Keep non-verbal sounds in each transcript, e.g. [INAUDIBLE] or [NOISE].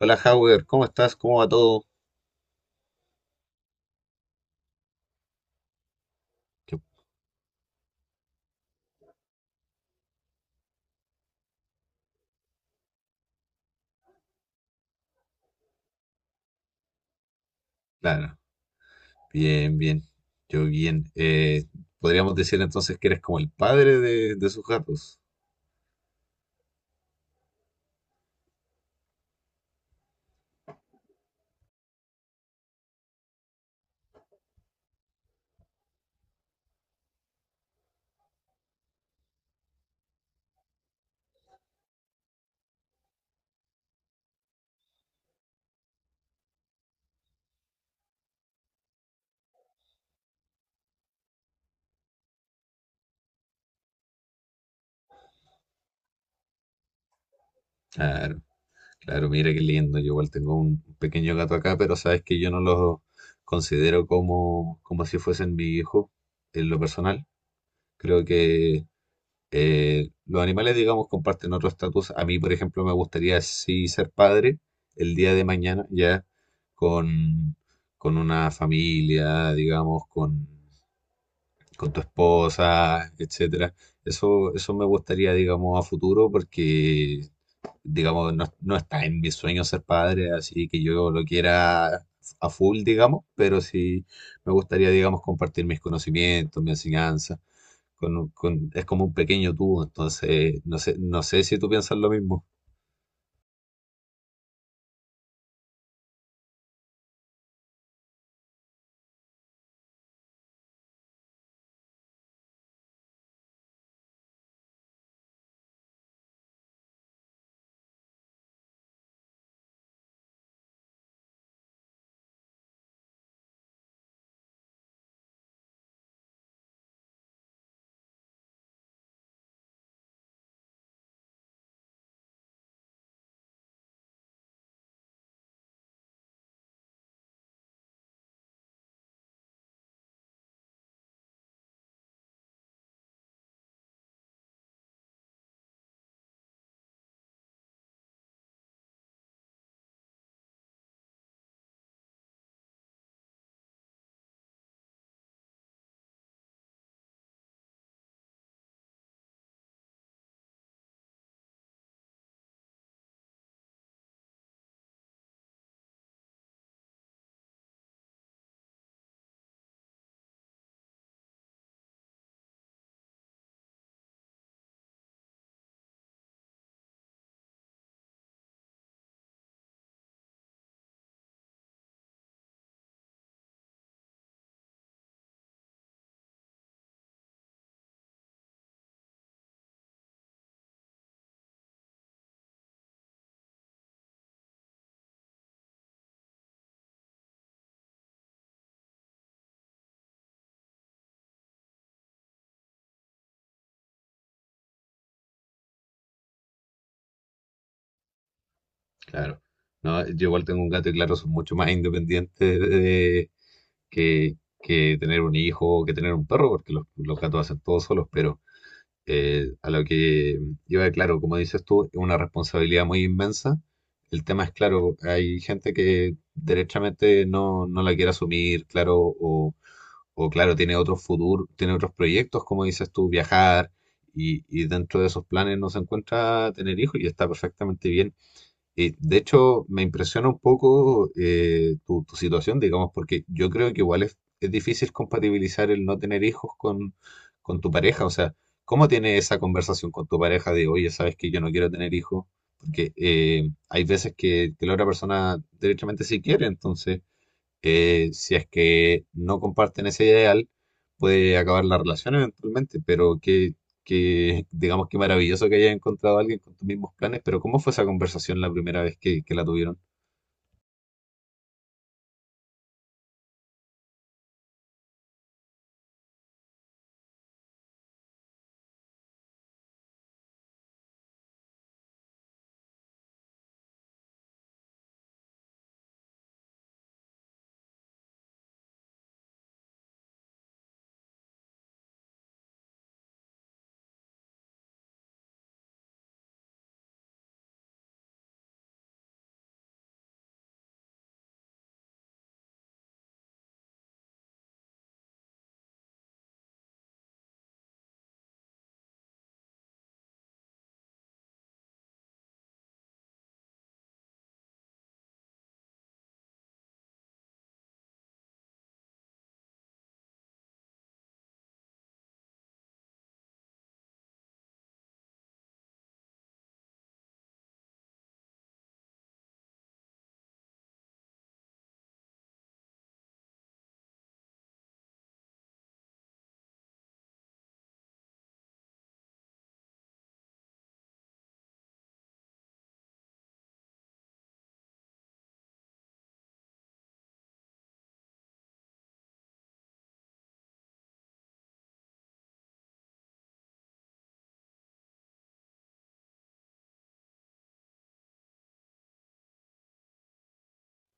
Hola, Howard, ¿cómo estás? ¿Cómo va todo? Qué- Claro, bien, bien. Yo bien. Podríamos decir entonces que eres como el padre de sus gatos. Claro, claro, mira qué lindo. Yo igual tengo un pequeño gato acá, pero sabes que yo no los considero como si fuesen mi hijo en lo personal. Creo que los animales, digamos, comparten otro estatus. A mí, por ejemplo, me gustaría sí ser padre el día de mañana, ya con, con una familia, digamos, con tu esposa, etcétera. Eso me gustaría, digamos, a futuro porque, digamos, no está en mis sueños ser padre, así que yo lo quiera a full, digamos, pero sí me gustaría, digamos, compartir mis conocimientos, mi enseñanza. Es como un pequeño tú, entonces no sé si tú piensas lo mismo. Claro. No, yo igual tengo un gato y claro, son mucho más independientes de- que, que tener un hijo, que tener un perro, porque los gatos hacen todo solos, pero a lo que iba, claro, como dices tú, es una responsabilidad muy inmensa. El tema es, claro, hay gente que derechamente no la quiere asumir, claro, o claro, tiene otros futuros, tiene otros proyectos, como dices tú, viajar, y dentro de esos planes no se encuentra tener hijos y está perfectamente bien. De hecho, me impresiona un poco tu situación, digamos, porque yo creo que igual es difícil compatibilizar el no tener hijos con tu pareja. O sea, ¿cómo tienes esa conversación con tu pareja de, oye, sabes que yo no quiero tener hijos? Porque hay veces que la otra persona derechamente sí quiere, entonces si es que no comparten ese ideal, puede acabar la relación eventualmente, pero que digamos que maravilloso que hayas encontrado a alguien con tus mismos planes, pero ¿cómo fue esa conversación la primera vez que la tuvieron?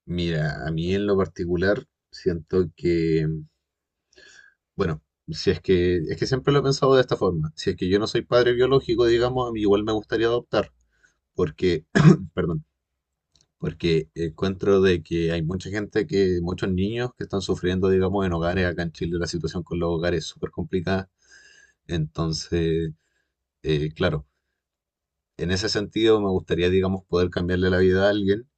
Mira, a mí en lo particular siento que, bueno, si es que, es que siempre lo he pensado de esta forma, si es que yo no soy padre biológico, digamos, a mí igual me gustaría adoptar, porque, [CLEARS THROAT] perdón, porque encuentro de que hay mucha gente que, muchos niños que están sufriendo, digamos, en hogares. Acá en Chile la situación con los hogares es súper complicada. Entonces, claro, en ese sentido me gustaría, digamos, poder cambiarle la vida a alguien.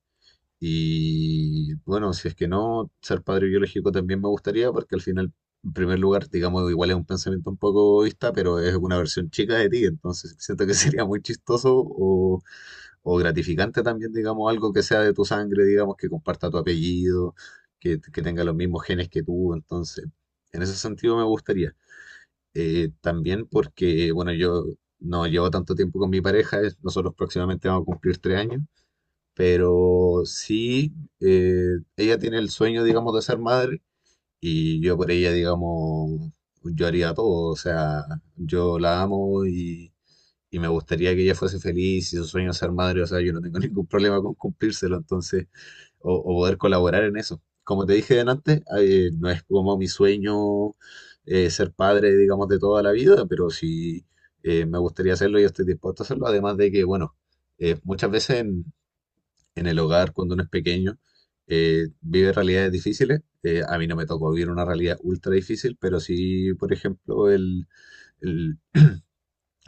Y bueno, si es que no, ser padre biológico también me gustaría, porque al final, en primer lugar, digamos, igual es un pensamiento un poco egoísta, pero es una versión chica de ti. Entonces, siento que [LAUGHS] sería muy chistoso o gratificante también, digamos, algo que sea de tu sangre, digamos, que comparta tu apellido, que tenga los mismos genes que tú. Entonces, en ese sentido me gustaría. También porque, bueno, yo no llevo tanto tiempo con mi pareja, es- nosotros próximamente vamos a cumplir 3 años, pero sí, eh, ella tiene el sueño, digamos, de ser madre y yo por ella, digamos, yo haría todo, o sea, yo la amo y me gustaría que ella fuese feliz y su sueño es ser madre, o sea, yo no tengo [LAUGHS] ningún problema con cumplírselo, entonces, o poder colaborar en eso. Como te dije antes, no es como mi sueño ser padre, digamos, de toda la vida, pero si me gustaría hacerlo, yo estoy dispuesto a hacerlo, además de que, bueno, muchas veces en el hogar, cuando uno es pequeño, vive realidades difíciles. A mí no me tocó vivir una realidad ultra difícil, pero sí, por ejemplo,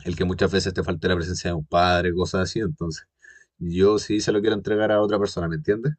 el que muchas veces te falte la presencia de un padre, cosas así. Entonces, yo sí se lo quiero entregar a otra persona, ¿me entiendes?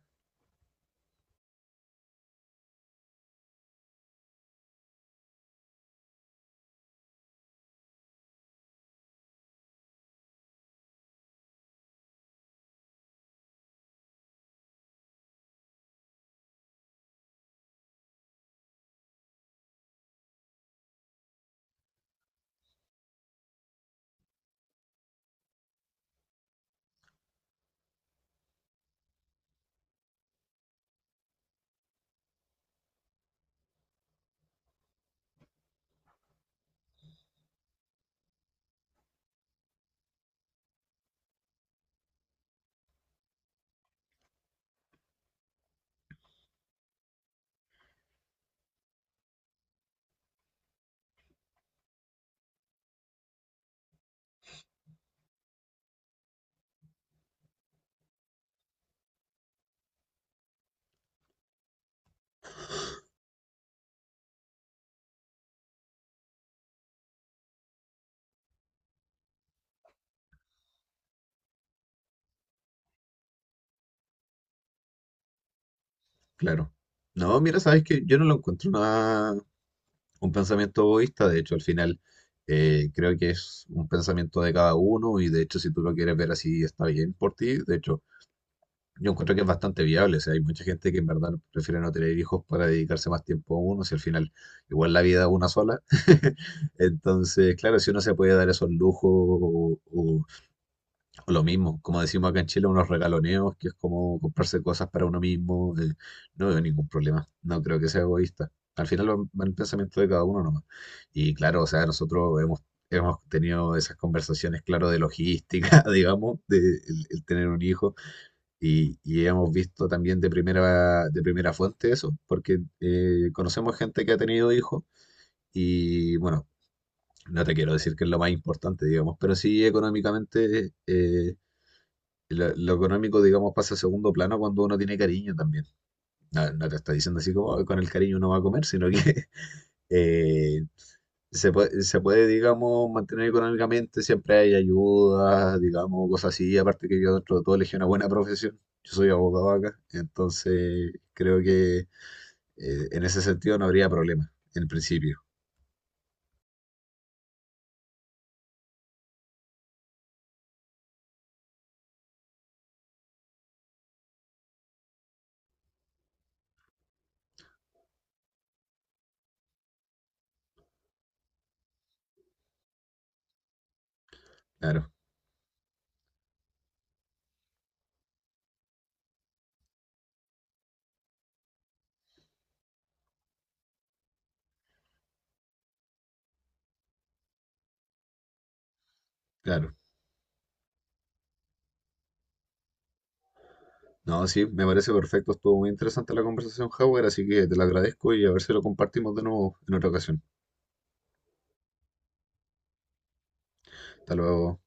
Claro. No, mira, sabes que yo no lo encuentro una, un pensamiento egoísta, de hecho, al final creo que es un pensamiento de cada uno y de hecho, si tú lo quieres ver así, está bien por ti. De hecho, yo encuentro que es bastante viable, o sea, hay mucha gente que en verdad prefiere no tener hijos para dedicarse más tiempo a uno, si al final igual la vida es una sola. [LAUGHS] Entonces, claro, si uno se puede dar esos lujos o, lo mismo, como decimos acá en Chile, unos regaloneos, que es como comprarse cosas para uno mismo. No veo ningún problema, no creo que sea egoísta. Al final va el pensamiento de cada uno nomás. Y claro, o sea, hemos tenido esas conversaciones, claro, de logística, [LAUGHS] digamos, de el tener un hijo. Y hemos visto también de primera fuente eso, porque conocemos gente que ha tenido hijos y bueno, no te quiero decir que es lo más importante, digamos, pero sí económicamente... lo económico, digamos, pasa a segundo plano cuando uno tiene cariño también. No, no te está diciendo así como "Ay, con el cariño uno va a comer", sino que [LAUGHS] eh, se puede, digamos, mantener económicamente, siempre hay ayuda, digamos, cosas así. Aparte que yo dentro de todo elegí una buena profesión. Yo soy abogado acá, entonces creo que en ese sentido no habría problema, en principio. Claro, claro. No, sí, me parece perfecto. Estuvo muy interesante la conversación, Howard, así que te lo agradezco y a ver si lo compartimos de nuevo en otra ocasión. Hasta luego.